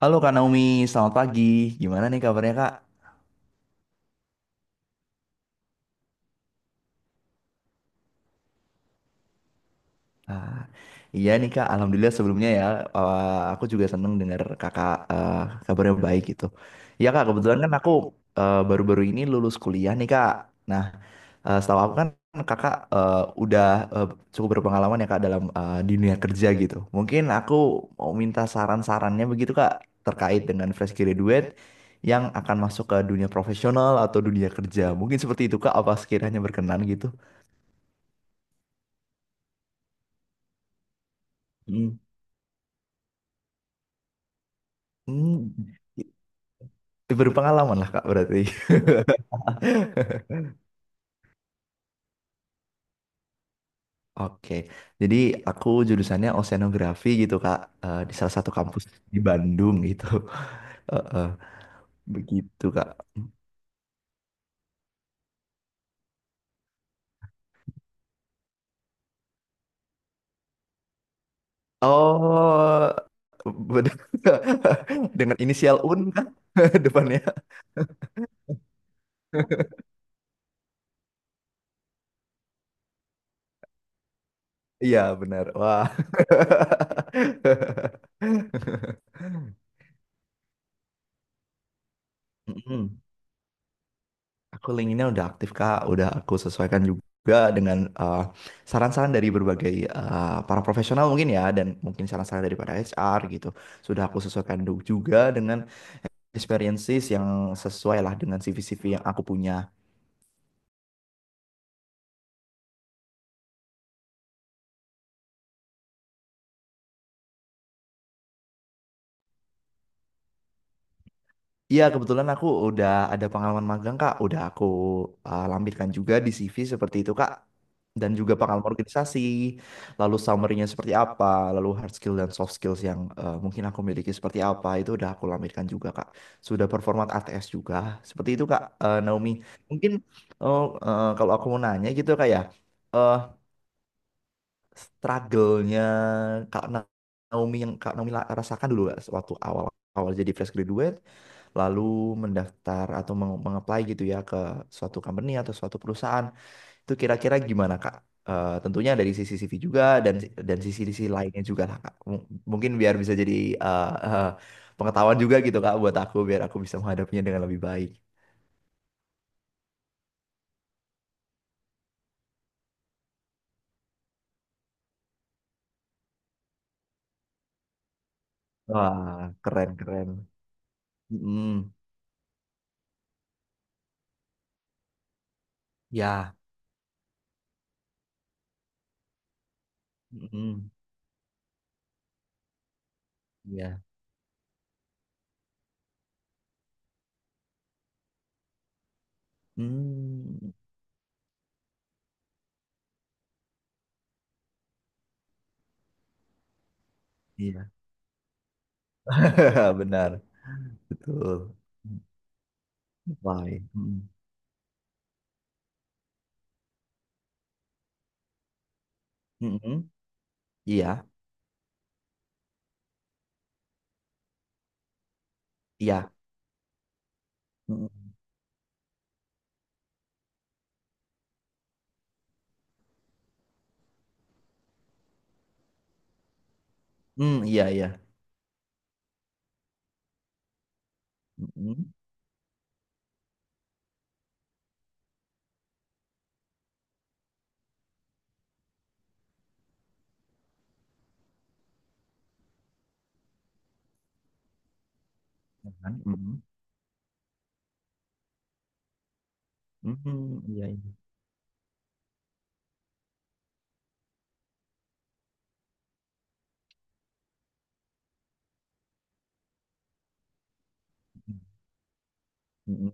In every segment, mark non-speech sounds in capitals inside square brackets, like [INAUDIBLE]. Halo Kak Naomi, selamat pagi. Gimana nih kabarnya Kak? Ah, iya nih Kak, Alhamdulillah sebelumnya ya. Aku juga seneng dengar Kakak kabarnya baik gitu. Iya Kak, kebetulan kan aku baru-baru ini lulus kuliah nih Kak. Nah, Setahu aku kan Kakak udah eh, cukup berpengalaman ya Kak dalam di dunia kerja gitu. Mungkin aku mau minta saran-sarannya begitu Kak terkait dengan fresh graduate yang akan masuk ke dunia profesional atau dunia kerja. Mungkin seperti itu Kak, apa sekiranya berkenan gitu? Hmm, berpengalaman lah Kak berarti. [LAUGHS] Oke, jadi aku jurusannya oceanografi gitu Kak, di salah satu kampus di Bandung gitu. [LAUGHS] Eh, eh, begitu Kak. Oh, bener. [LAUGHS] Dengan inisial UN kan [LAUGHS] depannya. Iya benar. Wah. [LAUGHS] Mm-mm. Aku linkedin udah aktif Kak, udah aku sesuaikan juga dengan saran-saran dari berbagai para profesional mungkin ya dan mungkin saran-saran daripada HR gitu. Sudah aku sesuaikan juga dengan experiences yang sesuai lah dengan CV-CV yang aku punya. Iya, kebetulan aku udah ada pengalaman magang, Kak. Udah aku lampirkan juga di CV seperti itu, Kak. Dan juga pengalaman organisasi, lalu summary-nya seperti apa, lalu hard skill dan soft skills yang mungkin aku miliki seperti apa, itu udah aku lampirkan juga, Kak. Sudah performat ATS juga, seperti itu, Kak, Naomi. Mungkin oh, kalau aku mau nanya gitu, Kak, ya, uh, struggle-nya Kak Naomi yang Kak Naomi rasakan dulu nggak waktu awal-awal jadi fresh graduate, lalu mendaftar atau mengapply gitu ya ke suatu company atau suatu perusahaan, itu kira-kira gimana Kak? Eh, tentunya dari sisi CV juga dan dan sisi-sisi lainnya juga lah Kak. Mungkin biar bisa jadi eh, [LAUGHS] eh, pengetahuan juga gitu Kak buat aku biar aku bisa menghadapinya dengan lebih baik. Wah, keren keren. mm Ya. Mm-mm. Ya. Hmm. Iya. [LAUGHS] Benar, betul. Lain. Mm-mm. Mm-mm. Iya, iya. Mm-mm. Mm, iya, iya. Mm-mm. Kan? Mm-mm. Mm-mm. Iya, iya. Mm-mm.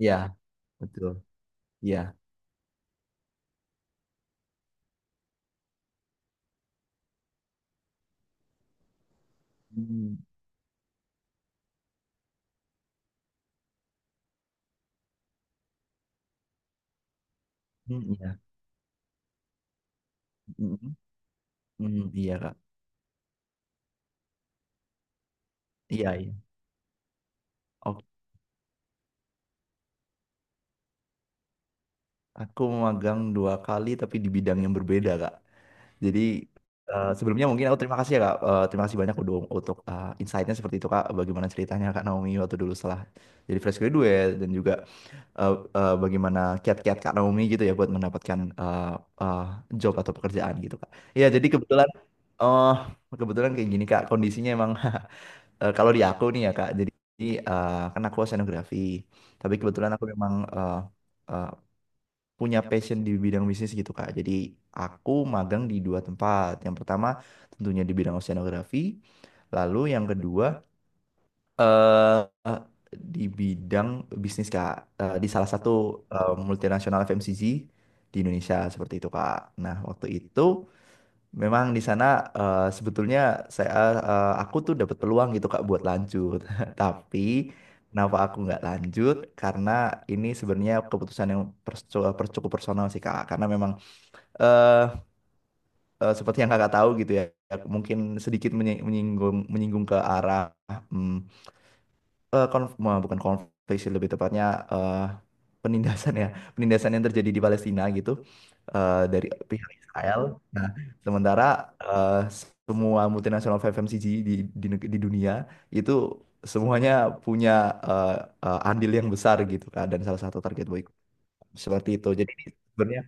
Iya, betul. Iya. Mm, mm, Iya. Mm-mm. Mm, Iya, Kak. Iya, iya. Oke. Aku magang 2 kali tapi di bidang yang berbeda, Kak. Jadi sebelumnya mungkin aku terima kasih ya Kak. Eh, terima kasih banyak udah untuk insight-nya seperti itu Kak. Bagaimana ceritanya Kak Naomi waktu dulu setelah jadi fresh graduate dan juga eh, bagaimana kiat-kiat Kak Naomi gitu ya buat mendapatkan eh, job atau pekerjaan gitu Kak. Iya jadi kebetulan eh kebetulan kayak gini Kak kondisinya emang [LAUGHS] kalau di aku nih ya Kak. Jadi kan aku oceanografi. Tapi kebetulan aku memang eh, punya passion di bidang bisnis gitu Kak. Jadi aku magang di 2 tempat. Yang pertama tentunya di bidang oceanografi, lalu yang kedua eh eh, di bidang bisnis Kak, di salah satu multinasional FMCG di Indonesia seperti itu Kak. Nah, waktu itu memang di sana sebetulnya saya aku tuh dapat peluang gitu Kak buat lanjut. [LAUGHS] Tapi kenapa aku nggak lanjut? Karena ini sebenarnya keputusan yang cukup personal sih Kak. Karena memang eh seperti yang kakak tahu gitu ya, mungkin sedikit menyinggung menyinggung ke arah hmm, bukan konflik sih lebih tepatnya eh, penindasan ya, penindasan yang terjadi di Palestina gitu dari pihak Israel. Nah, sementara eh, semua multinasional FMCG di, di dunia itu semuanya punya eh, andil yang besar gitu kan, dan salah satu target boykot seperti itu. Jadi ini sebenarnya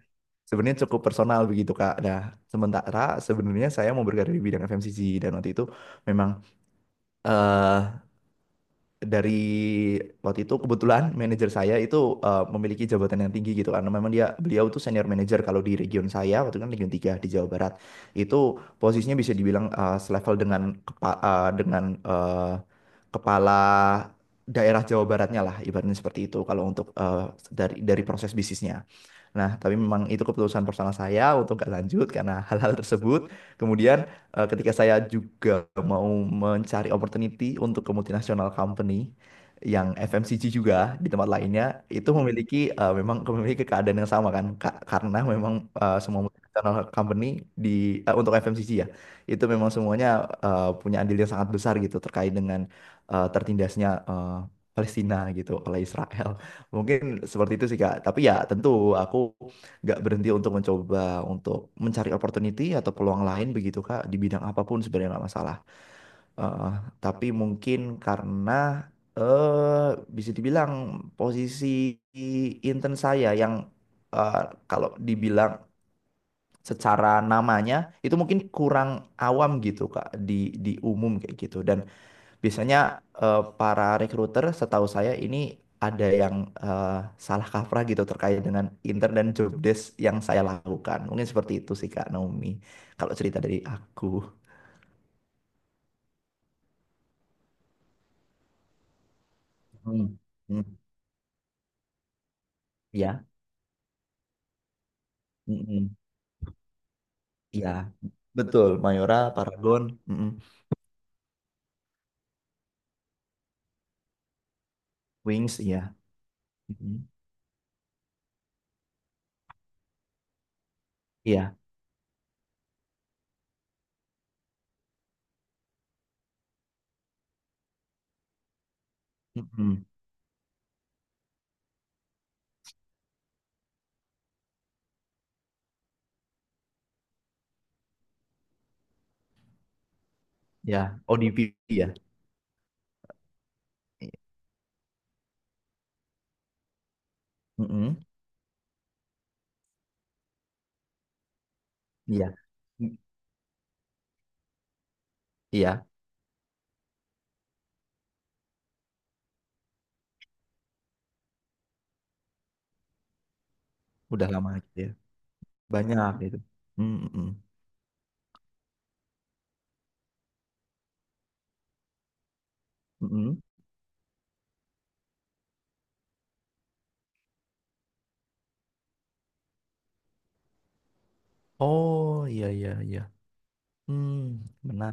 Sebenarnya cukup personal begitu Kak. Nah, sementara sebenarnya saya mau berkarya di bidang FMCG dan waktu itu memang eh dari waktu itu kebetulan manajer saya itu memiliki jabatan yang tinggi gitu karena memang dia beliau tuh senior manager kalau di region saya waktu itu kan region 3 di Jawa Barat itu posisinya bisa dibilang selevel dengan dengan kepala daerah Jawa Baratnya lah ibaratnya seperti itu kalau untuk dari proses bisnisnya. Nah, tapi memang itu keputusan personal saya untuk nggak lanjut karena [LAUGHS] hal-hal tersebut. Kemudian ketika saya juga mau mencari opportunity untuk ke multinational company yang FMCG juga di tempat lainnya itu memiliki memang memiliki keadaan yang sama kan karena memang semua multinational company di untuk FMCG ya itu memang semuanya punya andil yang sangat besar gitu terkait dengan tertindasnya Palestina gitu oleh Israel. Mungkin seperti itu sih Kak. Tapi ya tentu aku nggak berhenti untuk mencoba untuk mencari opportunity atau peluang lain begitu Kak di bidang apapun sebenarnya nggak masalah. Eh, tapi mungkin karena eh bisa dibilang posisi intern saya yang eh, kalau dibilang secara namanya itu mungkin kurang awam gitu Kak di umum kayak gitu dan biasanya para recruiter setahu saya ini ada yang eh, salah kaprah gitu terkait dengan intern dan job desk yang saya lakukan. Mungkin seperti itu sih Kak Naomi. Kalau cerita dari aku. Hmm. Hmm. Ya. Mm-mm. Ya. Betul, Mayora, Paragon, mm-mm. Wings, ya. Mm-mm. Iya. Mm-mm. Ya, ODP ya. Mm-mm. Iya. Mm. Iya, iya. Udah lama gitu ya. Banyak gitu. Mm-mm. Mm-mm. Oh, iya iya iya. Hmm, benar.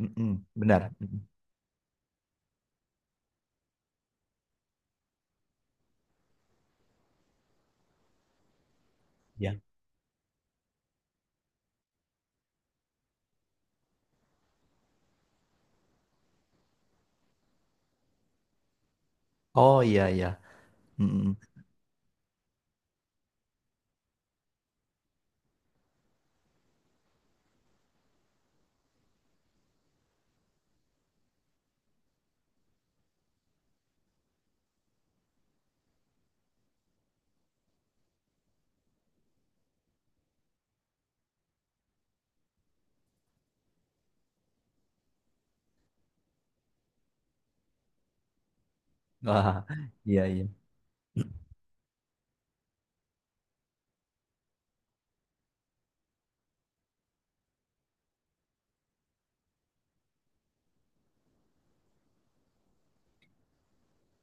Mm-mm, benar. Mm-mm. Ya. Oh iya iya. Mm-mm. Wah, iya iya.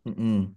Mm-mm.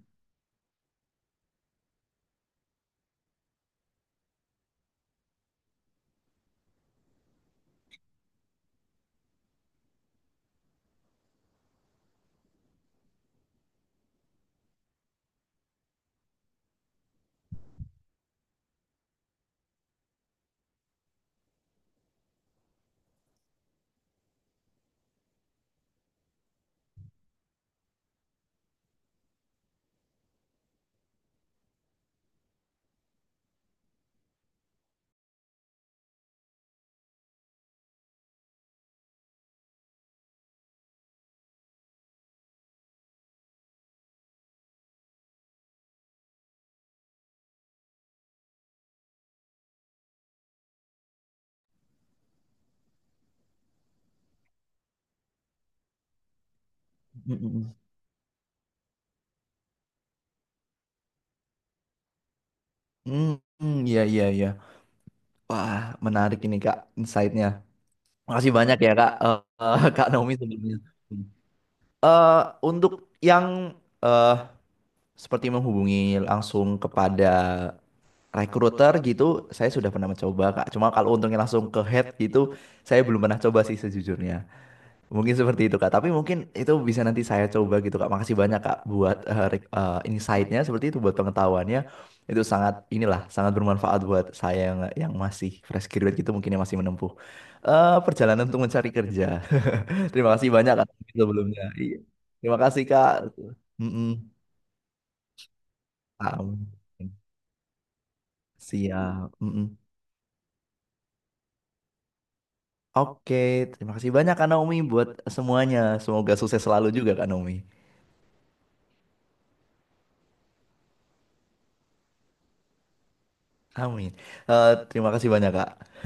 Mm-mm. Mm-mm, iya iya iya. Wah, menarik ini Kak insight-nya. Makasih banyak ya Kak [LAUGHS] Kak Naomi sebelumnya. Eh, untuk yang eh seperti menghubungi langsung kepada recruiter gitu, saya sudah pernah mencoba Kak. Cuma kalau untungnya langsung ke head gitu, saya belum pernah coba sih sejujurnya. Mungkin seperti itu Kak, tapi mungkin itu bisa nanti saya coba gitu Kak. Makasih banyak Kak buat insight-nya seperti itu buat pengetahuannya. Itu sangat inilah sangat bermanfaat buat saya yang masih fresh graduate gitu mungkin yang masih menempuh perjalanan untuk mencari kerja. [LAUGHS] Terima kasih banyak Kak sebelumnya. Iya. Terima kasih Kak. Mm-mm. Amin. Siap. Mm-mm. Oke, terima kasih banyak Kak Naomi buat semuanya. Semoga sukses selalu juga Kak Naomi. Amin. Eh, terima kasih banyak Kak.